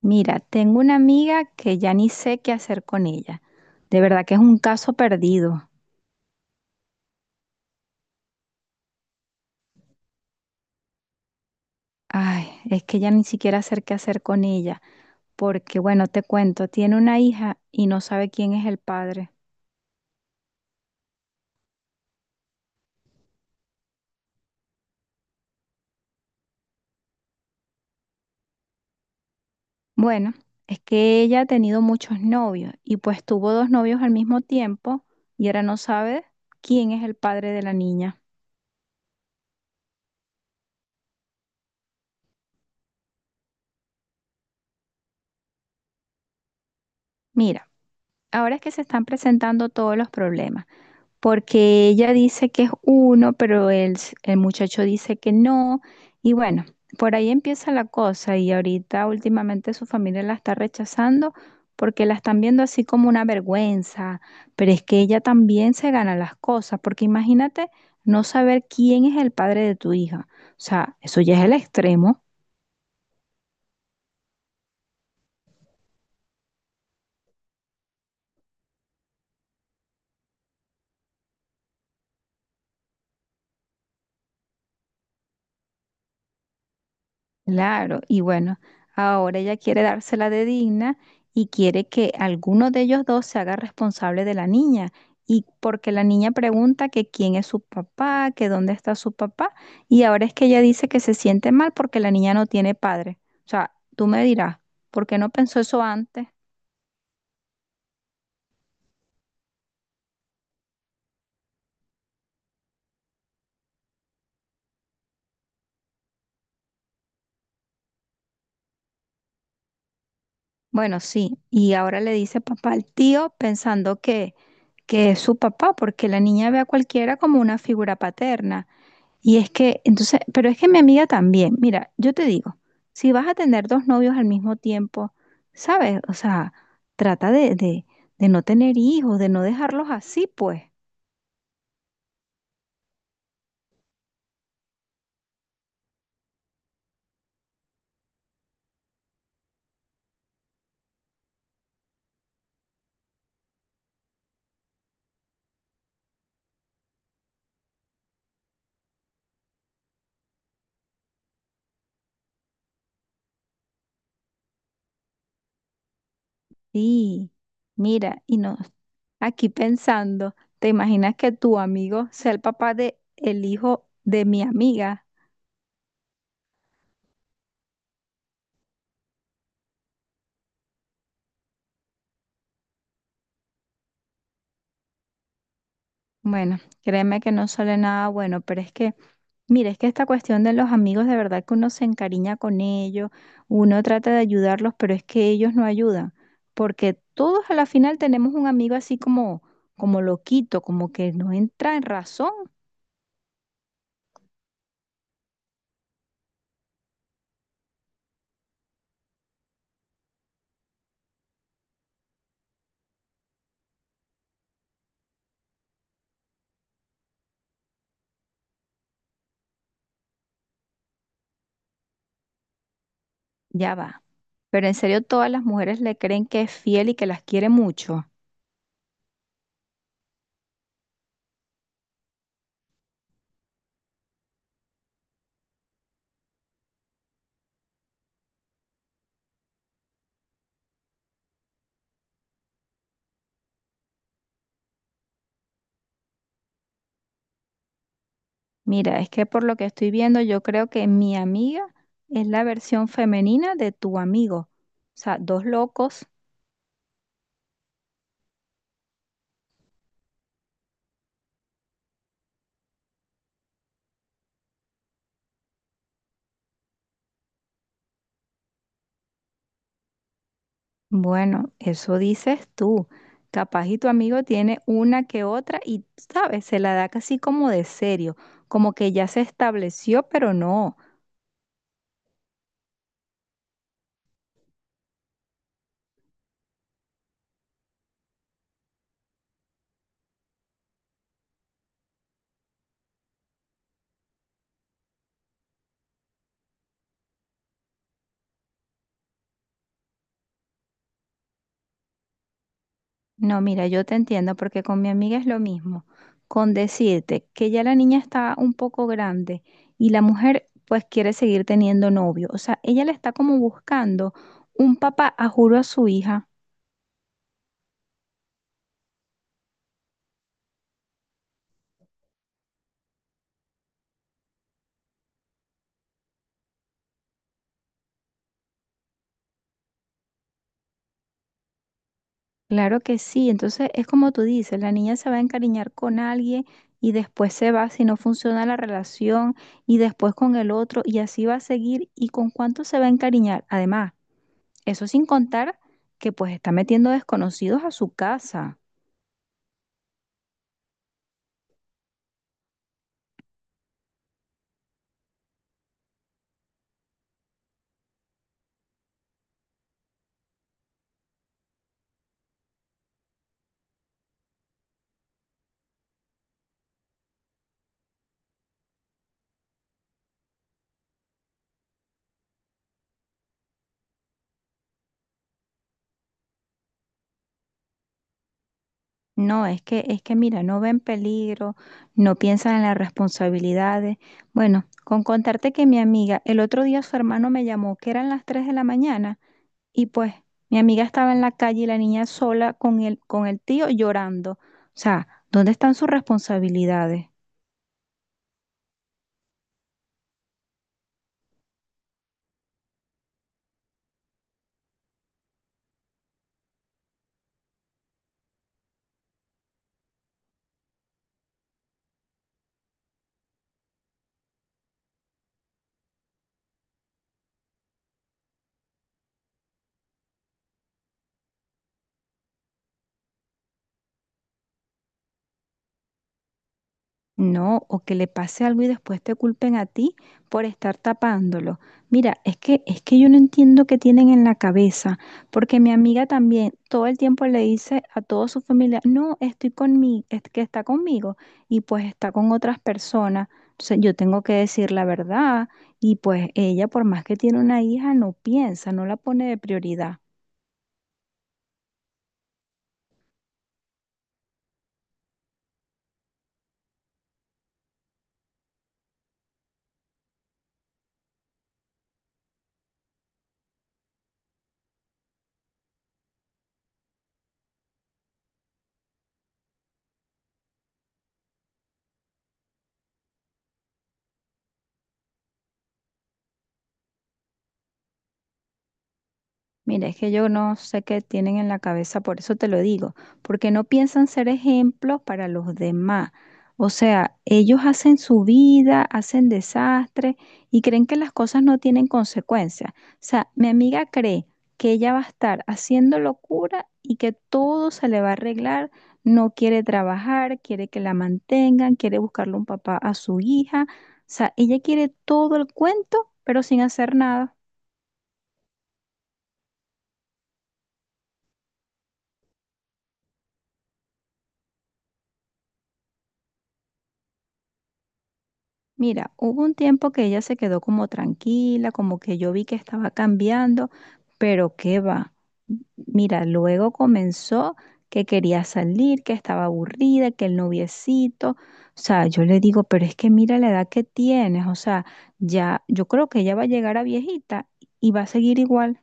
Mira, tengo una amiga que ya ni sé qué hacer con ella. De verdad que es un caso perdido. Ay, es que ya ni siquiera sé qué hacer con ella. Porque, bueno, te cuento, tiene una hija y no sabe quién es el padre. Bueno, es que ella ha tenido muchos novios y pues tuvo dos novios al mismo tiempo y ahora no sabe quién es el padre de la niña. Mira, ahora es que se están presentando todos los problemas. Porque ella dice que es uno, pero el muchacho dice que no, y bueno, por ahí empieza la cosa y ahorita últimamente su familia la está rechazando porque la están viendo así como una vergüenza, pero es que ella también se gana las cosas, porque imagínate no saber quién es el padre de tu hija, o sea, eso ya es el extremo. Claro, y bueno, ahora ella quiere dársela de digna y quiere que alguno de ellos dos se haga responsable de la niña. Y porque la niña pregunta que quién es su papá, que dónde está su papá, y ahora es que ella dice que se siente mal porque la niña no tiene padre. O sea, tú me dirás, ¿por qué no pensó eso antes? Bueno, sí, y ahora le dice papá al tío pensando que es su papá, porque la niña ve a cualquiera como una figura paterna. Y es que, entonces, pero es que mi amiga también, mira, yo te digo, si vas a tener dos novios al mismo tiempo, ¿sabes? O sea, trata de no tener hijos, de no dejarlos así, pues. Sí, mira, y no, aquí pensando, ¿te imaginas que tu amigo sea el papá de el hijo de mi amiga? Bueno, créeme que no sale nada bueno, pero es que mira, es que esta cuestión de los amigos, de verdad que uno se encariña con ellos, uno trata de ayudarlos, pero es que ellos no ayudan, porque todos a la final tenemos un amigo así como, como loquito, como que no entra en razón, ya va. Pero en serio, todas las mujeres le creen que es fiel y que las quiere mucho. Mira, es que por lo que estoy viendo, yo creo que mi amiga es la versión femenina de tu amigo. O sea, dos locos. Bueno, eso dices tú. Capaz y tu amigo tiene una que otra y, sabes, se la da casi como de serio, como que ya se estableció, pero no. No, mira, yo te entiendo porque con mi amiga es lo mismo. Con decirte que ya la niña está un poco grande y la mujer pues quiere seguir teniendo novio. O sea, ella le está como buscando un papá a juro a su hija. Claro que sí, entonces es como tú dices, la niña se va a encariñar con alguien y después se va si no funciona la relación y después con el otro y así va a seguir y con cuánto se va a encariñar. Además, eso sin contar que pues está metiendo desconocidos a su casa. No, es que mira, no ven peligro, no piensan en las responsabilidades. Bueno, con contarte que mi amiga, el otro día su hermano me llamó que eran las 3 de la mañana. Y pues mi amiga estaba en la calle y la niña sola con con el tío llorando. O sea, ¿dónde están sus responsabilidades? No, o que le pase algo y después te culpen a ti por estar tapándolo. Mira, es que yo no entiendo qué tienen en la cabeza, porque mi amiga también todo el tiempo le dice a toda su familia, "No, estoy con mi, es que está conmigo" y pues está con otras personas. Entonces yo tengo que decir la verdad y pues ella por más que tiene una hija no piensa, no la pone de prioridad. Mira, es que yo no sé qué tienen en la cabeza, por eso te lo digo, porque no piensan ser ejemplos para los demás. O sea, ellos hacen su vida, hacen desastre y creen que las cosas no tienen consecuencias. O sea, mi amiga cree que ella va a estar haciendo locura y que todo se le va a arreglar. No quiere trabajar, quiere que la mantengan, quiere buscarle un papá a su hija. O sea, ella quiere todo el cuento, pero sin hacer nada. Mira, hubo un tiempo que ella se quedó como tranquila, como que yo vi que estaba cambiando, pero qué va. Mira, luego comenzó que quería salir, que estaba aburrida, que el noviecito, o sea, yo le digo, pero es que mira la edad que tienes, o sea, ya, yo creo que ella va a llegar a viejita y va a seguir igual.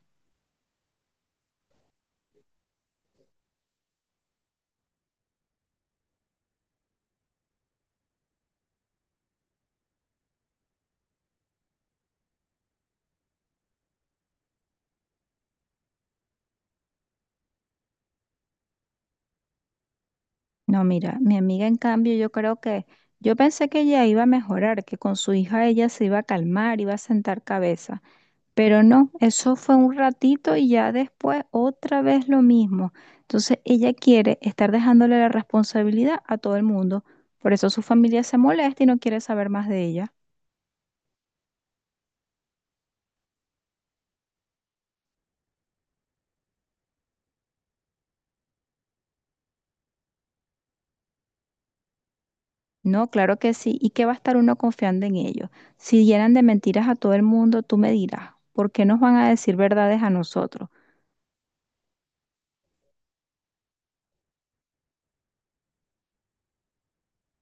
No, mira, mi amiga en cambio, yo creo que, yo pensé que ella iba a mejorar, que con su hija ella se iba a calmar, iba a sentar cabeza. Pero no, eso fue un ratito y ya después otra vez lo mismo. Entonces ella quiere estar dejándole la responsabilidad a todo el mundo. Por eso su familia se molesta y no quiere saber más de ella. No, claro que sí. ¿Y qué va a estar uno confiando en ellos? Si llenan de mentiras a todo el mundo, tú me dirás, ¿por qué nos van a decir verdades a nosotros?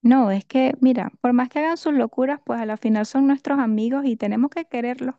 No, es que, mira, por más que hagan sus locuras, pues a la final son nuestros amigos y tenemos que quererlos.